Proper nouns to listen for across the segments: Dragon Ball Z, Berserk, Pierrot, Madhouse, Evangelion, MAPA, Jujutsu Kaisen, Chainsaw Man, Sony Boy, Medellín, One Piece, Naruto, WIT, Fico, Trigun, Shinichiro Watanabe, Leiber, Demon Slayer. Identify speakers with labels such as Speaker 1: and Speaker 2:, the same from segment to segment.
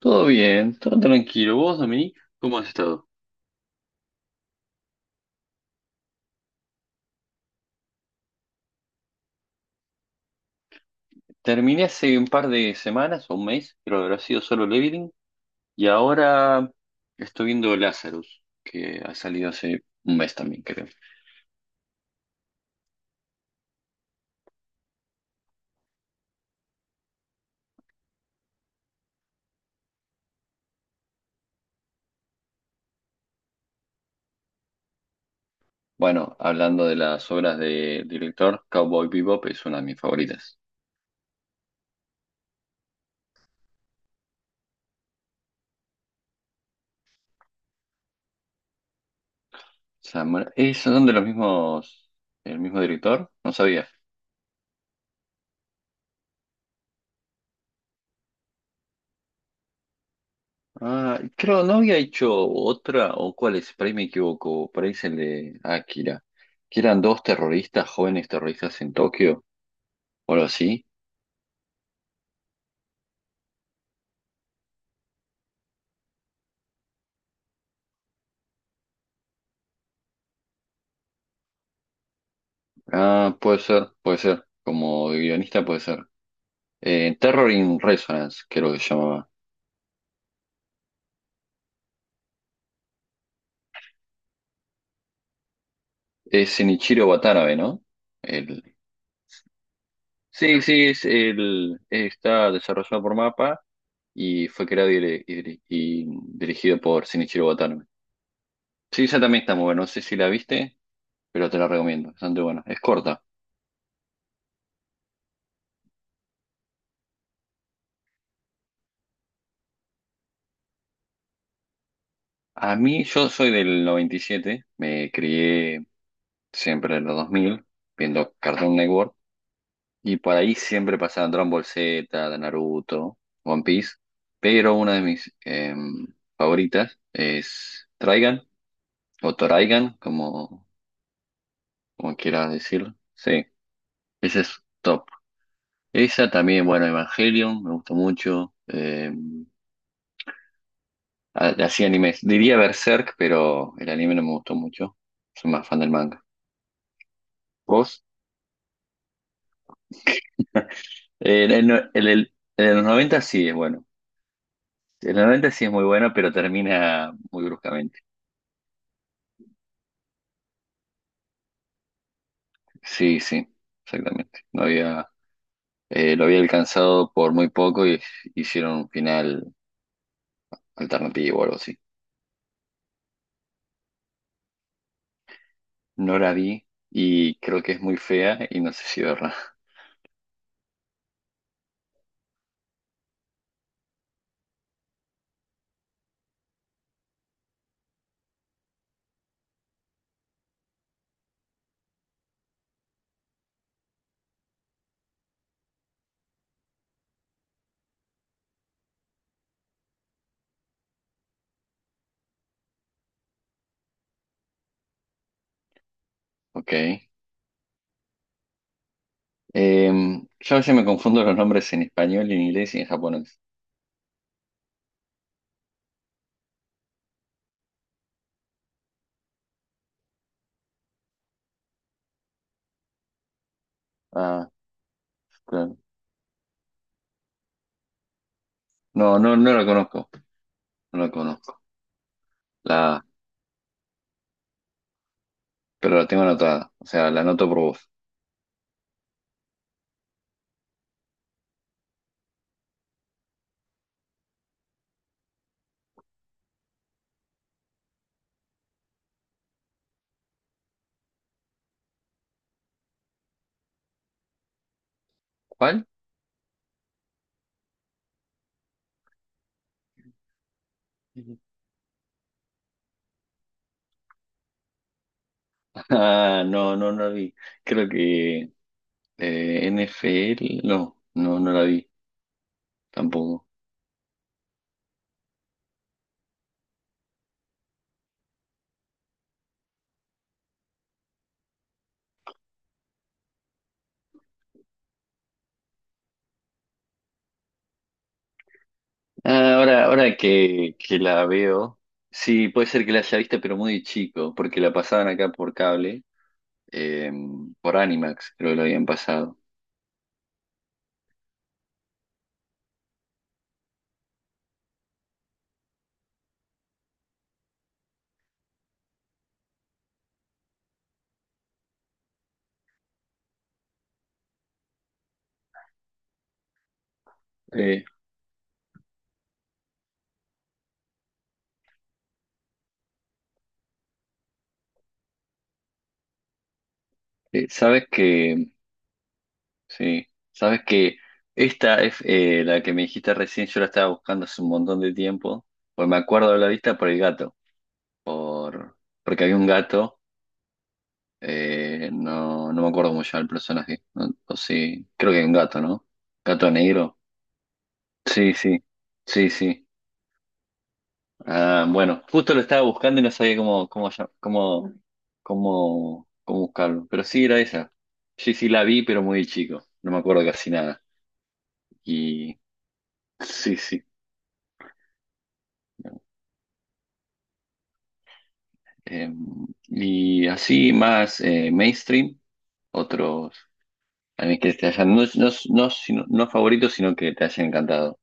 Speaker 1: Todo bien, todo tranquilo. ¿Vos, Dominic? ¿Cómo has estado? Terminé hace un par de semanas o un mes, creo que habrá sido solo Leveling, y ahora estoy viendo Lazarus, que ha salido hace un mes también, creo. Bueno, hablando de las obras del director, Cowboy Bebop es una de mis favoritas. ¿Son de los mismos, el mismo director? No sabía. Ah, creo, no había hecho otra, o cuál es, por ahí me equivoco, por ahí es el de Akira, que eran dos terroristas, jóvenes terroristas en Tokio, o algo así. Ah, puede ser, como guionista puede ser. Terror in Resonance, creo que se llamaba. Es Shinichiro Watanabe, ¿no? El... Sí, sí, está desarrollado por MAPA y fue creado y dirigido por Shinichiro Watanabe. Sí, esa también está muy buena, no sé si la viste. Pero te la recomiendo, bastante buena. Es corta. A mí, yo soy del 97, me crié siempre en los 2000 viendo Cartoon Network, y por ahí siempre pasaban Dragon Ball Z, de Naruto, One Piece, pero una de mis favoritas es Trigun, o Toraigan, como quieras decirlo. Sí, esa es top. Esa también, bueno, Evangelion, me gustó mucho. Así animes. Diría Berserk, pero el anime no me gustó mucho. Soy más fan del manga. ¿Vos? El de los 90 sí es bueno. El de los 90 sí es muy bueno, pero termina muy bruscamente. Sí, sí, exactamente. No había, Lo había alcanzado por muy poco y hicieron un final alternativo o algo así. No la vi y creo que es muy fea y no sé si verla. Ok. Yo a veces me confundo los nombres en español, en inglés y en japonés. Ah, claro. No, no, no la conozco, no la conozco. La, pero la tengo anotada, o sea, la anoto por vos. ¿Cuál? Ujú. Ah, no, no, no la vi. Creo que NFL, no, no, no la vi tampoco. Ah, ahora que la veo, sí, puede ser que la haya visto, pero muy chico, porque la pasaban acá por cable, eh, por Animax, creo que lo habían pasado. Eh, ¿Sabes que Sí, sabes que esta es la que me dijiste recién, yo la estaba buscando hace un montón de tiempo, pues me acuerdo de la vista por el gato, por porque había un gato, no, no me acuerdo cómo se llama el personaje, o sí, creo que hay un gato, ¿no? Gato negro. Sí, sí, sí, sí. Ah, bueno, justo lo estaba buscando y no sabía cómo, cómo, llam- cómo, cómo, cómo buscarlo, pero sí era esa. Sí, sí, la vi, pero muy chico, no me acuerdo casi nada. Y sí, sí. Eh, y así más mainstream, otros animes que te hayan, no favoritos, sino que te hayan encantado.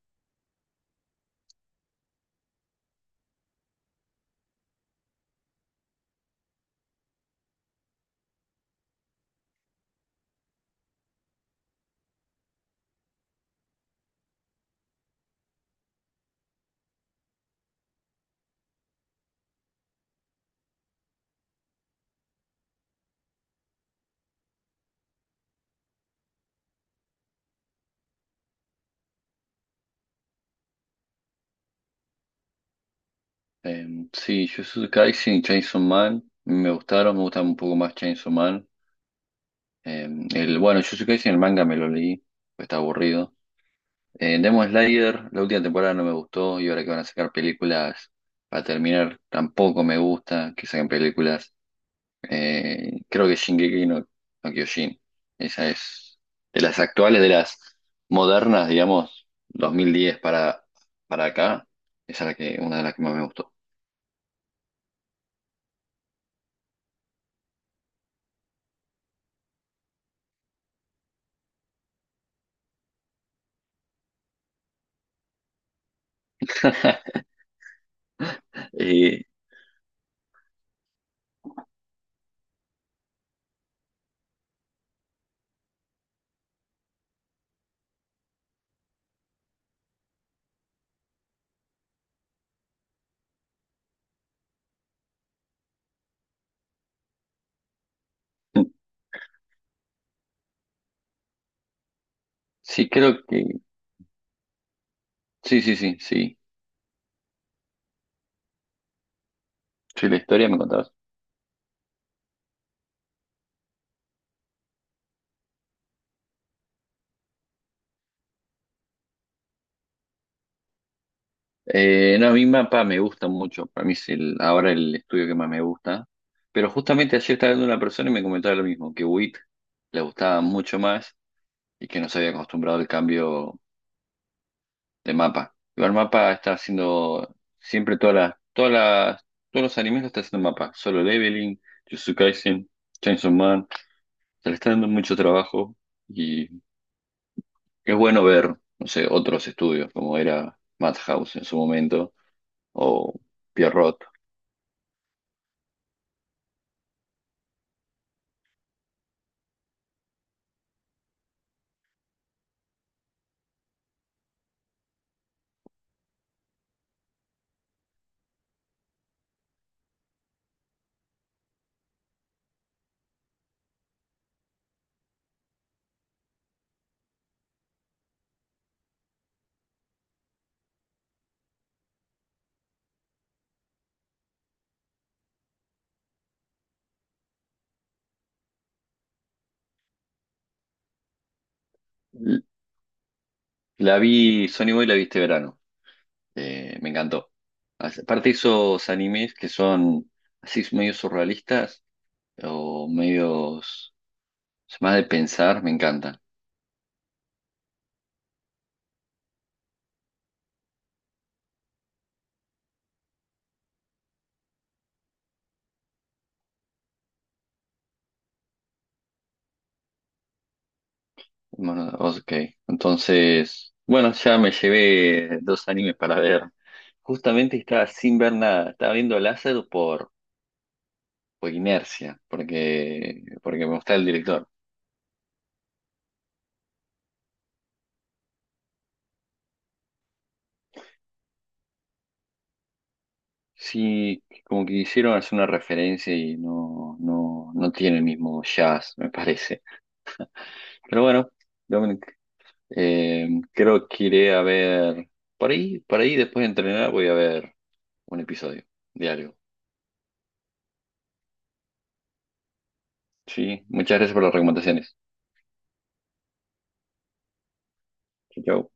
Speaker 1: Eh, sí, Jujutsu Kaisen y Chainsaw Man me gustaron, me gustan un poco más Chainsaw Man. Eh, bueno, Jujutsu Kaisen, el manga me lo leí, pues está aburrido. Demon Slayer, la última temporada no me gustó y ahora que van a sacar películas para terminar, tampoco me gusta que saquen películas. Creo que Shingeki no Kyojin. Esa es de las actuales, de las modernas, digamos, 2010 para acá. Esa es la que, una de las que más me gustó. Eh, sí, creo que. Sí, sí, sí, sí. Sí, la historia me contabas. No, a mí Mapa me gusta mucho. Para mí es ahora el estudio que más me gusta. Pero justamente ayer estaba viendo una persona y me comentaba lo mismo, que WIT le gustaba mucho más y que no se había acostumbrado al cambio de Mapa. Igual Mapa está haciendo siempre todos los animes lo está haciendo Mapa. Solo Leveling, Jujutsu Kaisen, Chainsaw Man. Se le está dando mucho trabajo y es bueno ver, no sé, otros estudios como era Madhouse en su momento o Pierrot. L- La vi, Sony Boy la vi este verano. Me encantó. Aparte esos animes que son así medio surrealistas o medios más de pensar, me encantan. Bueno, ok. Entonces, bueno, ya me llevé dos animes para ver. Justamente estaba sin ver nada, estaba viendo Láser por inercia, porque me gusta el director. Sí, como que hicieron hacer una referencia y no, no, no tiene el mismo jazz, me parece. Pero bueno, Dominic, creo que iré a ver, por ahí después de entrenar voy a ver un episodio diario. Sí, muchas gracias por las recomendaciones. Chau, chau.